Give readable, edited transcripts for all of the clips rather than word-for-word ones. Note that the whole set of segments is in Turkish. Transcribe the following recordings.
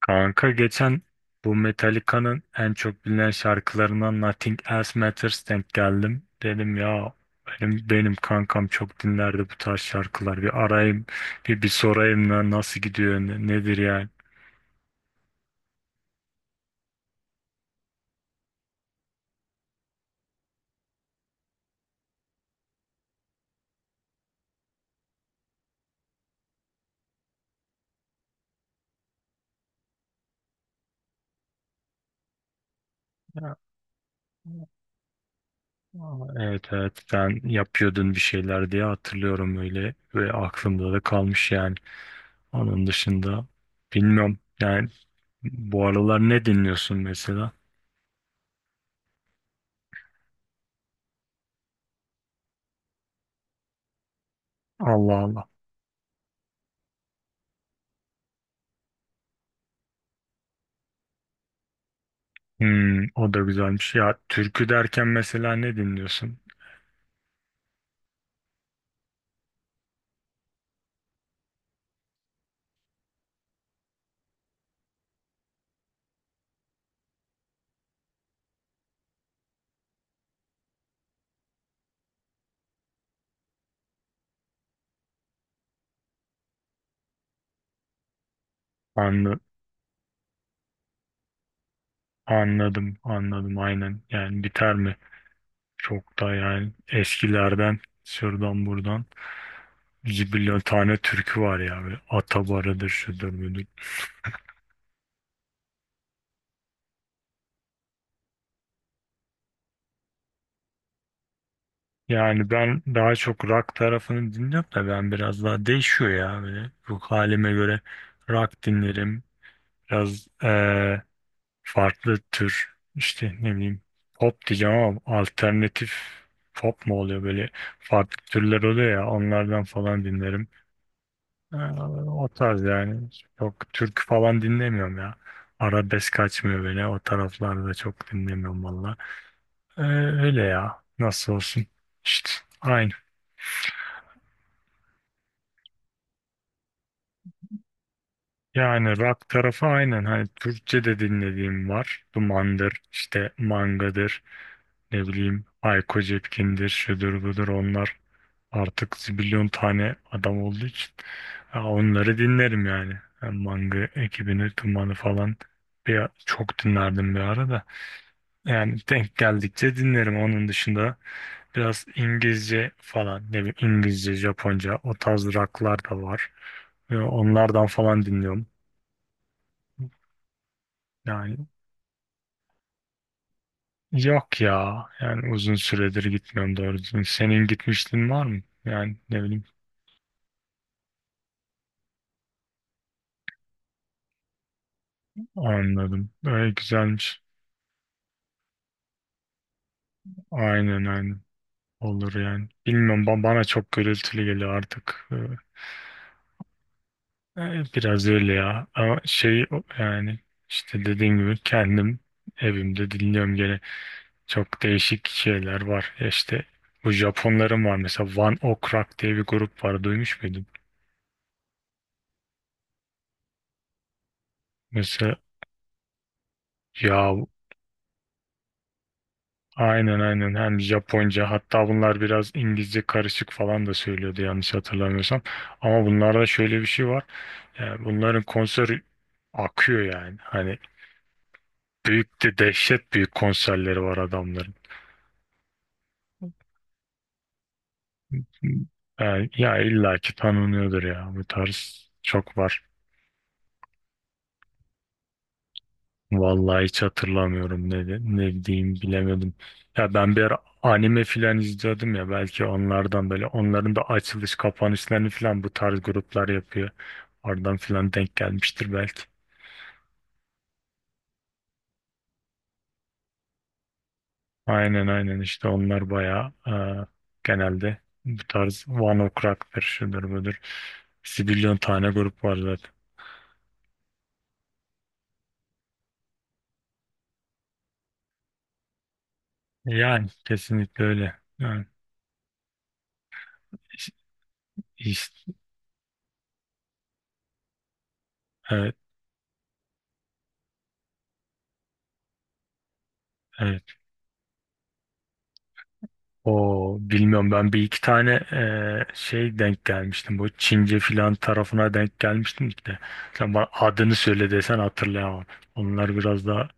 Kanka geçen bu Metallica'nın en çok bilinen şarkılarından Nothing Else Matters denk geldim. Dedim ya benim kankam çok dinlerdi bu tarz şarkılar. Bir arayayım bir sorayım lan nasıl gidiyor nedir yani? Ya, evet evet sen yapıyordun bir şeyler diye hatırlıyorum öyle ve aklımda da kalmış yani. Onun dışında bilmiyorum yani bu aralar ne dinliyorsun mesela? Allah Allah. Hmm, o da güzelmiş. Ya türkü derken mesela ne dinliyorsun? Anlı, Anladım, anladım aynen. Yani biter mi? Çok da yani eskilerden şuradan buradan bir tane türkü var ya. Böyle Atabarı'dır, şudur budur. Yani ben daha çok rock tarafını dinliyorum da ben biraz daha değişiyor ya. Böyle ruh halime göre rock dinlerim. Biraz farklı tür işte ne bileyim pop diyeceğim ama alternatif pop mu oluyor böyle farklı türler oluyor ya onlardan falan dinlerim. Ee, O tarz yani çok türkü falan dinlemiyorum ya. Arabesk kaçmıyor beni o taraflarda çok dinlemiyorum valla. Ee, Öyle ya nasıl olsun işte aynı. Yani rock tarafı aynen hani Türkçe de dinlediğim var. Dumandır, işte Manga'dır, ne bileyim Hayko Cepkin'dir, şudur budur onlar artık zibilyon tane adam olduğu için ha, onları dinlerim yani. Ben Manga ekibini, Tuman'ı falan çok dinlerdim bir ara da. Yani denk geldikçe dinlerim. Onun dışında biraz İngilizce falan, ne bileyim İngilizce, Japonca o tarz rocklar da var. Ve onlardan falan dinliyorum. Yani yok ya. Yani uzun süredir gitmiyorum doğru düzgün. Senin gitmişliğin var mı? Yani ne bileyim anladım. Öyle güzelmiş. Aynen aynen. Olur yani. Bilmiyorum bana çok gürültülü geliyor artık. Biraz öyle ya. Ama şey yani işte dediğim gibi kendim evimde dinliyorum gene. Çok değişik şeyler var. Ya İşte bu Japonların var mesela One Ok Rock diye bir grup var. Duymuş muydun? Mesela ya aynen aynen hem Japonca hatta bunlar biraz İngilizce karışık falan da söylüyordu yanlış hatırlamıyorsam. Ama bunlarda şöyle bir şey var. Yani bunların konseri akıyor yani. Hani büyük de dehşet büyük konserleri var adamların. Yani, ya illaki tanınıyordur ya. Bu tarz çok var. Vallahi hiç hatırlamıyorum ne diyeyim bilemedim. Ya ben bir ara anime filan izliyordum ya belki onlardan böyle onların da açılış kapanışlarını filan bu tarz gruplar yapıyor. Oradan filan denk gelmiştir belki. Aynen aynen işte onlar bayağı genelde bu tarz One Ok Rock'tır şudur budur. Zibilyon tane grup var. Yani kesinlikle öyle. Yani, iş- iş- evet, evet. O bilmiyorum ben bir iki tane şey denk gelmiştim. Bu Çince filan tarafına denk gelmiştim işte. Sen bana adını söyle desen hatırlayamam. Onlar biraz daha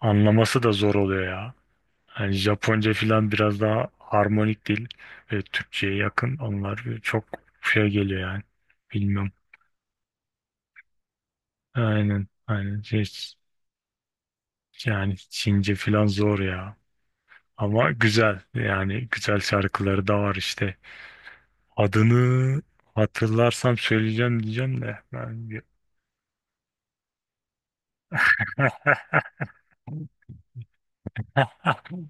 anlaması da zor oluyor ya. Yani Japonca filan biraz daha harmonik değil. Ve Türkçe'ye yakın. Onlar çok şey geliyor yani. Bilmiyorum. Aynen. Aynen. Şey, yani Çince filan zor ya. Ama güzel yani güzel şarkıları da var işte. Adını hatırlarsam söyleyeceğim diyeceğim de ben bir,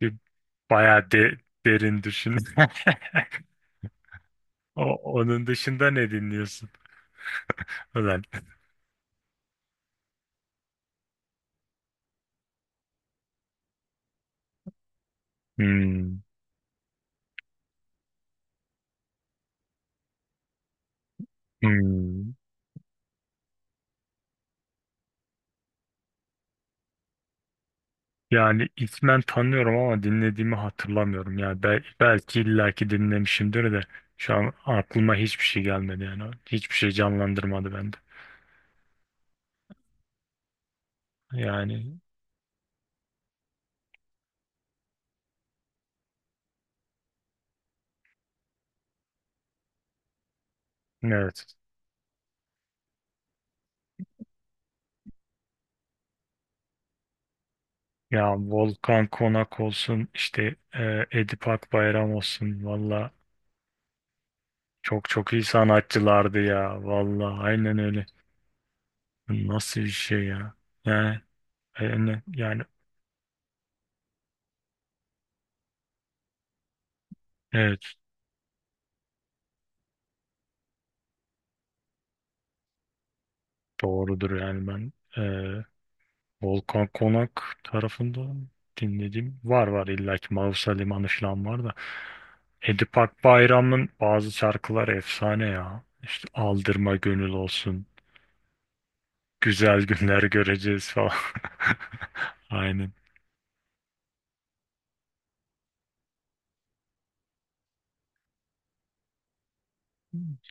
bir bayağı derin düşün. Onun dışında ne dinliyorsun? Ulan. Hmm, hmm. Yani ismen tanıyorum ama dinlediğimi hatırlamıyorum. Yani belki illaki dinlemişimdir de şu an aklıma hiçbir şey gelmedi yani. Hiçbir şey canlandırmadı bende. Yani evet. Ya Volkan Konak olsun işte Edip Akbayram olsun valla çok çok iyi sanatçılardı ya valla aynen öyle. Bu nasıl bir şey ya yani yani evet doğrudur yani ben e, Volkan Konak tarafından dinlediğim var illa ki Mausa Limanı falan var da Edip Akbayram'ın bazı şarkıları efsane ya İşte Aldırma Gönül olsun güzel günler göreceğiz falan. Aynen.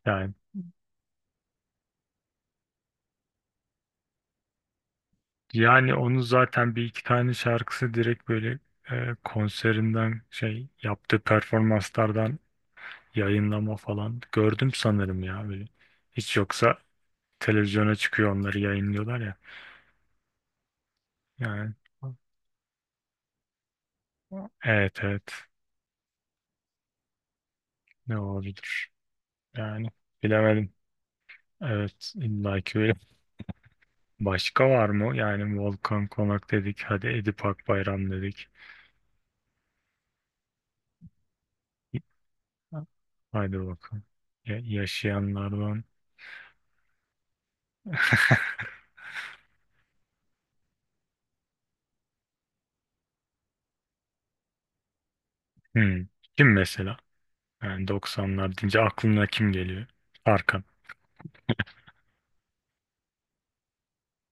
Yani, yani onu zaten bir iki tane şarkısı direkt böyle konserinden şey yaptığı performanslardan yayınlama falan gördüm sanırım ya böyle. Hiç yoksa televizyona çıkıyor onları yayınlıyorlar ya. Yani evet evet ne olabilir yani bilemedim. Evet illa ki öyle. Başka var mı? Yani Volkan Konak dedik hadi Edip Akbayram dedik. Ha. Haydi bakalım. Yaşayanlardan. Hmm. Kim mesela? Yani doksanlar deyince aklına kim geliyor? Tarkan.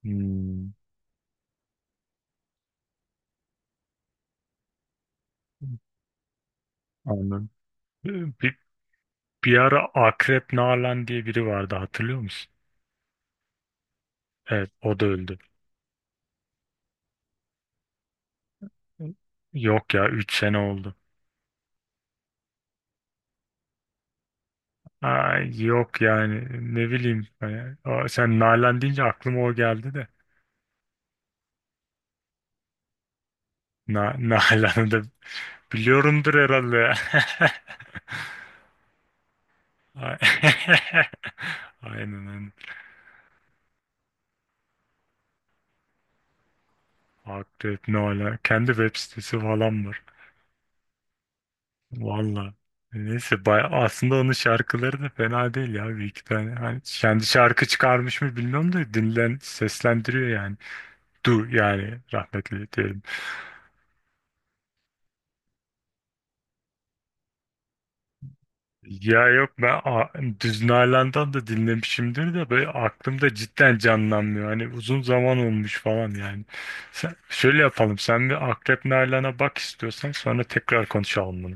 Hmm. Anladım. Bir, bir ara Akrep Nalan diye biri vardı hatırlıyor musun? Evet o da öldü. Yok ya 3 sene oldu. Ay, yok yani ne bileyim. Hani, sen Nalan deyince aklıma o geldi de. Nalan'ı da biliyorumdur herhalde. Ay- Aynen aynen. Akrep ne ala. Kendi web sitesi falan var. Valla. Neyse baya aslında onun şarkıları da fena değil ya bir iki tane. Hani kendi şarkı çıkarmış mı bilmiyorum da dinlen seslendiriyor yani. Yani rahmetli diyelim. Ya yok ben Düz Nalan'dan da dinlemişimdir de böyle aklımda cidden canlanmıyor. Hani uzun zaman olmuş falan yani. Sen, şöyle yapalım sen bir Akrep Nalan'a bak istiyorsan sonra tekrar konuşalım bunu.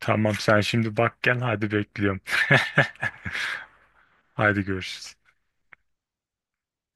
Tamam sen şimdi bak gel hadi bekliyorum. Hadi görüşürüz.